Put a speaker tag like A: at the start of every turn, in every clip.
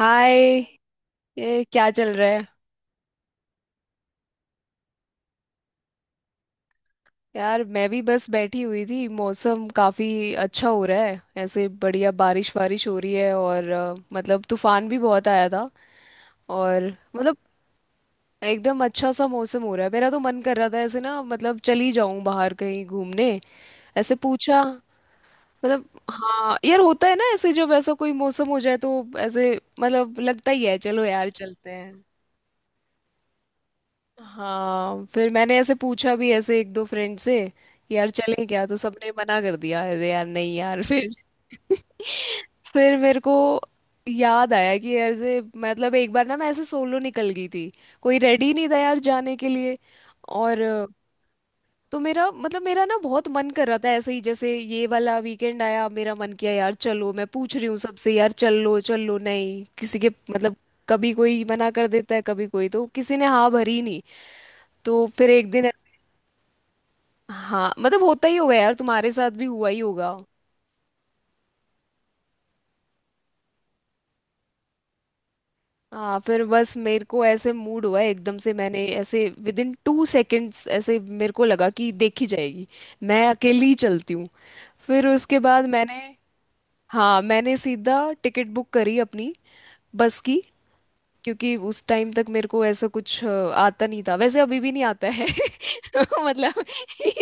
A: हाय। ये क्या चल रहा है? यार मैं भी बस बैठी हुई थी। मौसम काफी अच्छा हो रहा है, ऐसे बढ़िया बारिश वारिश हो रही है, और मतलब तूफान भी बहुत आया था। और मतलब एकदम अच्छा सा मौसम हो रहा है, मेरा तो मन कर रहा था ऐसे, ना मतलब चली जाऊं बाहर कहीं घूमने, ऐसे पूछा मतलब। हाँ यार होता है ना ऐसे, जब ऐसा कोई मौसम हो जाए तो ऐसे मतलब लगता ही है, चलो यार चलते हैं। हाँ फिर मैंने ऐसे पूछा भी ऐसे एक दो फ्रेंड से कि यार चलें क्या, तो सबने मना कर दिया, अरे यार नहीं यार फिर फिर मेरे को याद आया कि यार से मतलब एक बार ना मैं ऐसे सोलो निकल गई थी, कोई रेडी नहीं था यार जाने के लिए। और तो मेरा मतलब मेरा ना बहुत मन कर रहा था ऐसे ही, जैसे ये वाला वीकेंड आया, मेरा मन किया यार, चलो मैं पूछ रही हूँ सबसे, यार चल लो चल लो, नहीं किसी के मतलब कभी कोई मना कर देता है, कभी कोई, तो किसी ने हाँ भरी नहीं। तो फिर एक दिन ऐसे, हाँ मतलब होता ही होगा यार, तुम्हारे साथ भी हुआ ही होगा। हाँ फिर बस मेरे को ऐसे मूड हुआ एकदम से, मैंने ऐसे विद इन टू सेकेंड्स ऐसे मेरे को लगा कि देखी जाएगी, मैं अकेली ही चलती हूँ। फिर उसके बाद मैंने, हाँ मैंने सीधा टिकट बुक करी अपनी बस की, क्योंकि उस टाइम तक मेरे को ऐसा कुछ आता नहीं था, वैसे अभी भी नहीं आता है मतलब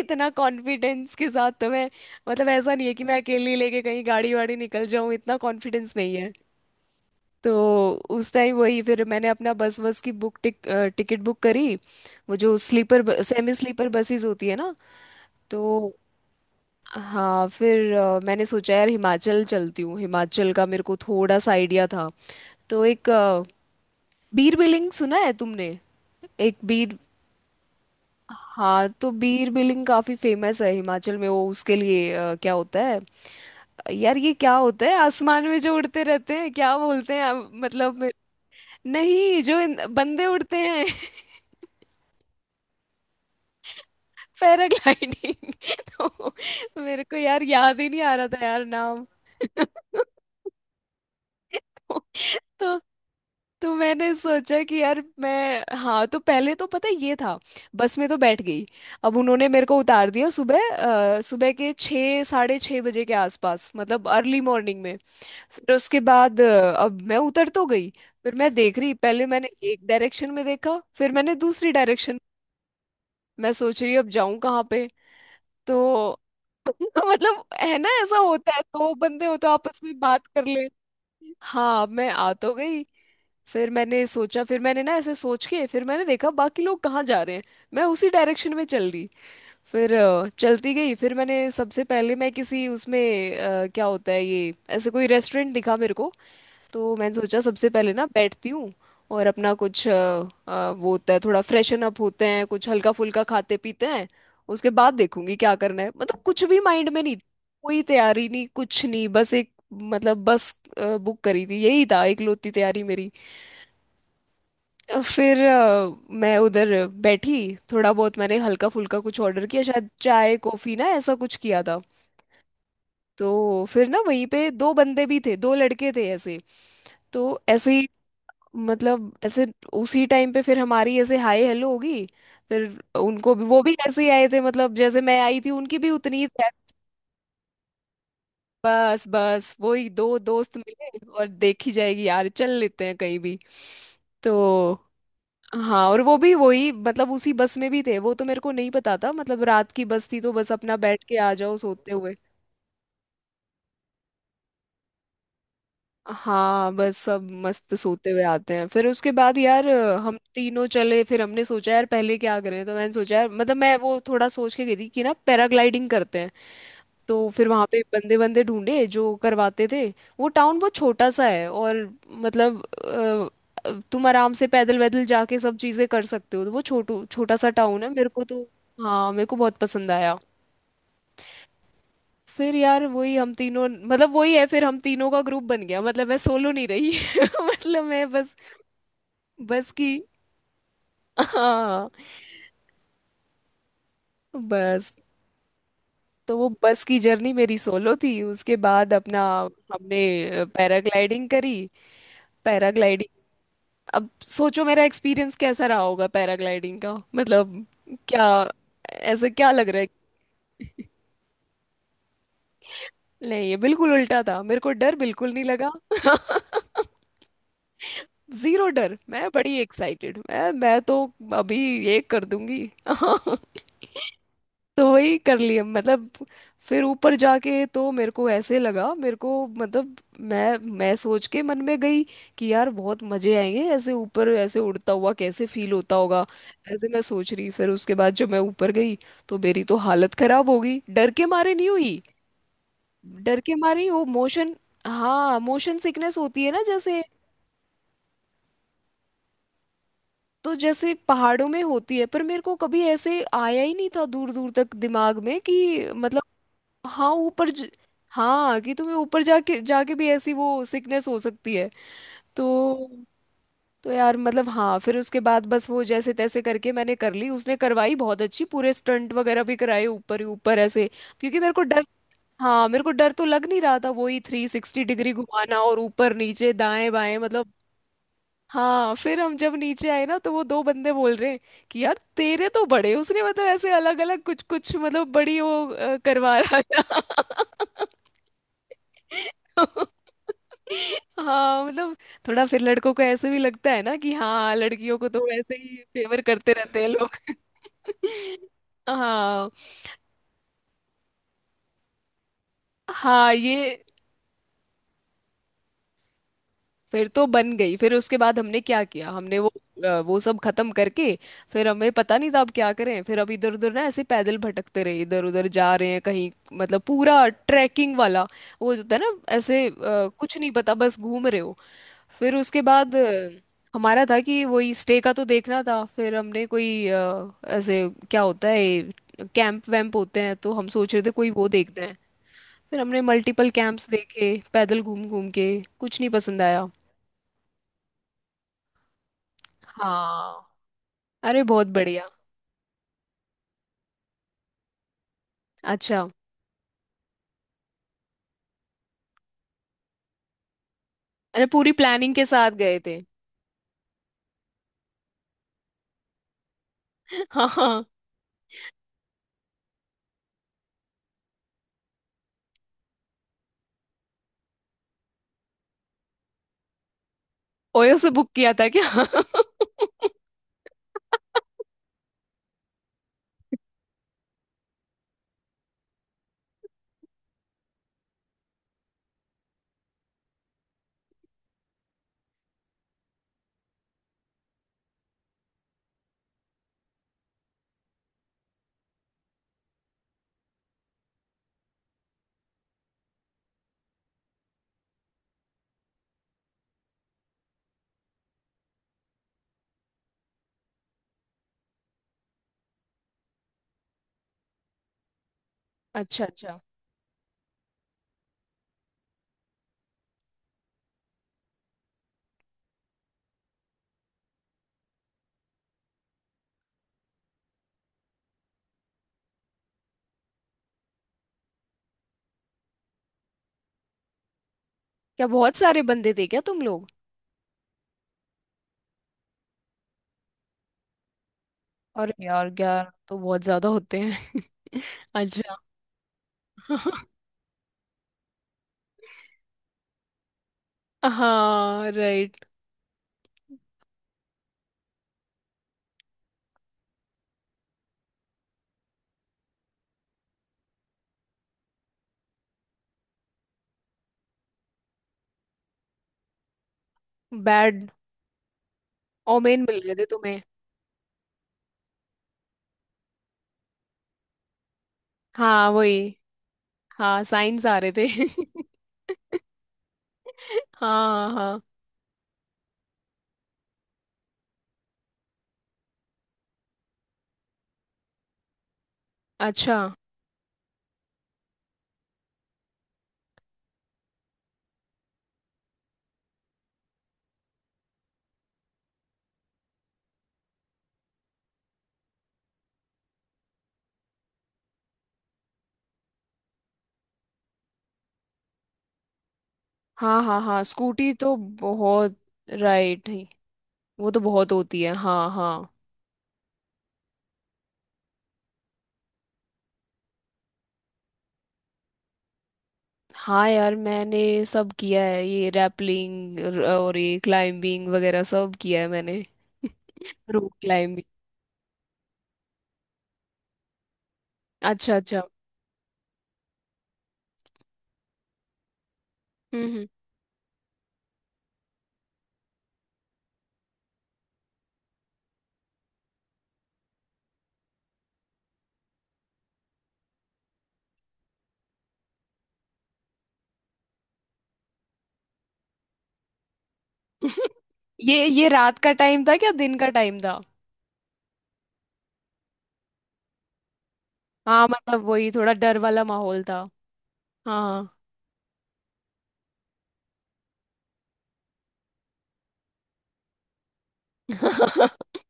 A: इतना कॉन्फिडेंस के साथ तो मैं, मतलब ऐसा नहीं है कि मैं अकेली लेके कहीं गाड़ी वाड़ी निकल जाऊं, इतना कॉन्फिडेंस नहीं है। तो उस टाइम वही फिर मैंने अपना बस बस की बुक टिक, टिकट बुक करी, वो जो स्लीपर सेमी स्लीपर बसेस होती है ना। तो हाँ फिर मैंने सोचा यार हिमाचल चलती हूँ, हिमाचल का मेरे को थोड़ा सा आइडिया था। तो एक बीर बिलिंग सुना है तुमने, एक बीर, हाँ तो बीर बिलिंग काफी फेमस है हिमाचल में, वो उसके लिए क्या होता है यार, ये क्या होता है आसमान में जो उड़ते रहते हैं, क्या बोलते हैं अब, नहीं जो बंदे उड़ते हैं पैराग्लाइडिंग तो मेरे को यार याद ही नहीं आ रहा था यार नाम तो तो मैंने सोचा कि यार मैं, हाँ तो पहले तो पता है ये था, बस में तो बैठ गई, अब उन्होंने मेरे को उतार दिया सुबह सुबह के छः साढ़े छः बजे के आसपास, मतलब अर्ली मॉर्निंग में। फिर उसके बाद अब मैं उतर तो गई, फिर मैं देख रही, पहले मैंने एक डायरेक्शन में देखा, फिर मैंने दूसरी डायरेक्शन, मैं सोच रही अब जाऊं कहाँ पे। तो मतलब है ना, ऐसा होता है, दो बंदे हो तो आपस में बात कर ले, हाँ मैं आ तो गई। फिर मैंने सोचा, फिर मैंने ना ऐसे सोच के फिर मैंने देखा बाकी लोग कहाँ जा रहे हैं, मैं उसी डायरेक्शन में चल रही, फिर चलती गई, फिर मैंने सबसे पहले मैं किसी उसमें क्या होता है ये ऐसे कोई रेस्टोरेंट दिखा मेरे को। तो मैंने सोचा सबसे पहले ना बैठती हूँ, और अपना कुछ वो होता है थोड़ा फ्रेशन अप होते हैं, कुछ हल्का फुल्का खाते पीते हैं, उसके बाद देखूंगी क्या करना है, मतलब कुछ भी माइंड में नहीं, कोई तैयारी नहीं, कुछ नहीं, बस एक मतलब बस बुक करी थी यही था इकलौती तैयारी मेरी। फिर मैं उधर बैठी, थोड़ा बहुत मैंने हल्का फुल्का कुछ ऑर्डर किया, शायद चाय कॉफी ना ऐसा कुछ किया था। तो फिर ना वहीं पे दो बंदे भी थे, दो लड़के थे ऐसे, तो ऐसे ही मतलब ऐसे उसी टाइम पे फिर हमारी ऐसे हाय हेलो होगी। फिर उनको भी, वो भी ऐसे ही आए थे, मतलब जैसे मैं आई थी, उनकी भी उतनी ही थी। बस बस वही दो दोस्त मिले और देखी जाएगी यार, चल लेते हैं कहीं भी तो। हाँ और वो भी वही मतलब उसी बस में भी थे, वो तो मेरे को नहीं पता था, मतलब रात की बस थी तो बस अपना बैठ के आ जाओ सोते हुए। हाँ बस सब मस्त सोते हुए आते हैं, फिर उसके बाद यार हम तीनों चले। फिर हमने सोचा यार पहले क्या करें, तो मैंने सोचा यार मतलब मैं वो थोड़ा सोच के गई थी कि ना पैराग्लाइडिंग करते हैं, तो फिर वहाँ पे बंदे बंदे ढूंढे जो करवाते थे। वो टाउन बहुत छोटा सा है और मतलब तुम आराम से पैदल वैदल जाके सब चीज़ें कर सकते हो, तो वो छोटू छोटा सा टाउन है मेरे को तो, हाँ मेरे को बहुत पसंद आया। फिर यार वही हम तीनों मतलब वही है, फिर हम तीनों का ग्रुप बन गया, मतलब मैं सोलो नहीं रही मतलब मैं बस, बस की हाँ बस, तो वो बस की जर्नी मेरी सोलो थी, उसके बाद अपना हमने पैराग्लाइडिंग करी। पैराग्लाइडिंग, अब सोचो मेरा एक्सपीरियंस कैसा रहा होगा पैराग्लाइडिंग का, मतलब क्या, ऐसा क्या लग रहा है? नहीं ये बिल्कुल उल्टा था, मेरे को डर बिल्कुल नहीं लगा, जीरो डर, मैं बड़ी एक्साइटेड, मैं तो अभी ये कर दूंगी तो वही कर लिया मतलब। फिर ऊपर जाके तो मेरे को ऐसे लगा मेरे को, मतलब मैं सोच के मन में गई कि यार बहुत मजे आएंगे, ऐसे ऊपर ऐसे उड़ता हुआ कैसे फील होता होगा, ऐसे मैं सोच रही। फिर उसके बाद जब मैं ऊपर गई तो मेरी तो हालत खराब हो गई, डर के मारे नहीं हुई, डर के मारे ही, वो मोशन, हाँ मोशन सिकनेस होती है ना जैसे, तो जैसे पहाड़ों में होती है, पर मेरे को कभी ऐसे आया ही नहीं था दूर दूर तक दिमाग में, कि मतलब हाँ ऊपर हाँ कि तुम्हें ऊपर जाके जाके भी ऐसी वो सिकनेस हो सकती है। तो तो यार मतलब हाँ, फिर उसके बाद बस वो जैसे तैसे करके मैंने कर ली, उसने करवाई बहुत अच्छी, पूरे स्टंट वगैरह भी कराए ऊपर ही ऊपर ऐसे, क्योंकि मेरे को डर, हाँ मेरे को डर तो लग नहीं रहा था, वही थ्री सिक्सटी डिग्री घुमाना और ऊपर नीचे दाएं बाएं मतलब। हाँ फिर हम जब नीचे आए ना, तो वो दो बंदे बोल रहे हैं कि यार तेरे तो बड़े उसने, मतलब ऐसे अलग अलग कुछ कुछ मतलब बड़ी वो करवा रहा था हाँ मतलब थोड़ा फिर लड़कों को ऐसे भी लगता है ना कि हाँ लड़कियों को तो ऐसे ही फेवर करते रहते हैं लोग हाँ हाँ ये, फिर तो बन गई, फिर उसके बाद हमने क्या किया, हमने वो वो सब खत्म करके फिर हमें पता नहीं था अब क्या करें। फिर अब इधर उधर ना ऐसे पैदल भटकते रहे, इधर उधर जा रहे हैं कहीं, मतलब पूरा ट्रैकिंग वाला वो जो होता है ना, ऐसे कुछ नहीं पता बस घूम रहे हो। फिर उसके बाद हमारा था कि वही स्टे का तो देखना था, फिर हमने कोई ऐसे क्या होता है, कैंप वैम्प होते हैं, तो हम सोच रहे थे कोई वो देखते हैं। फिर हमने मल्टीपल कैंप्स देखे पैदल घूम घूम के, कुछ नहीं पसंद आया। हाँ, अरे बहुत बढ़िया। अच्छा, अरे पूरी प्लानिंग के साथ गए थे। हाँ हाँ। ओयो से बुक किया था क्या? अच्छा अच्छा। क्या बहुत सारे बंदे थे क्या तुम लोग? और यार यार तो बहुत ज्यादा होते हैं अच्छा हाँ राइट। बैड ओमेन मिल रहे थे तुम्हें? हाँ वही, हाँ साइंस आ रहे थे हाँ हाँ। अच्छा, हाँ हाँ हाँ स्कूटी तो बहुत, राइट ही, वो तो बहुत होती है, हाँ हाँ। हाँ यार मैंने सब किया है, ये रैपलिंग और ये क्लाइंबिंग वगैरह सब किया है मैंने, रोप क्लाइंबिंग। अच्छा अच्छा। हम्म। ये रात का टाइम था क्या, दिन का टाइम था? हाँ मतलब वही थोड़ा डर वाला माहौल था। हाँ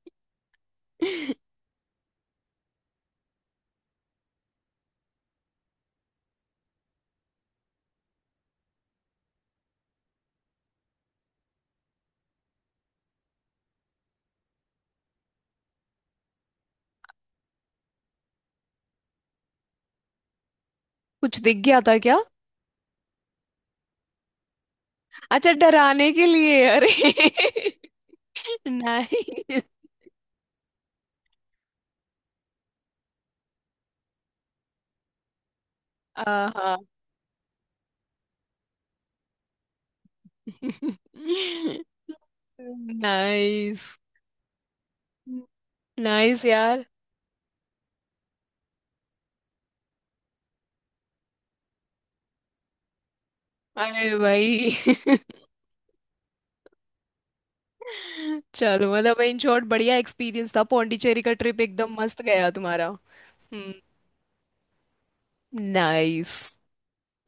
A: कुछ दिख गया था क्या? अच्छा डराने के लिए? अरे नहीं। आहा, नाइस, नाइस यार। अरे भाई चलो, मतलब इन शॉर्ट बढ़िया एक्सपीरियंस था, पौंडीचेरी का ट्रिप एकदम मस्त गया तुम्हारा। हम्म, नाइस,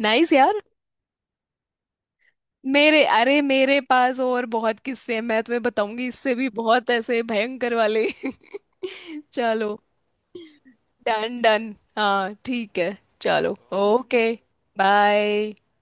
A: नाइस यार। मेरे, अरे मेरे पास और बहुत किस्से हैं, मैं तुम्हें बताऊंगी इससे भी बहुत ऐसे भयंकर वाले चलो। डन, डन हाँ ठीक है चलो। Okay bye.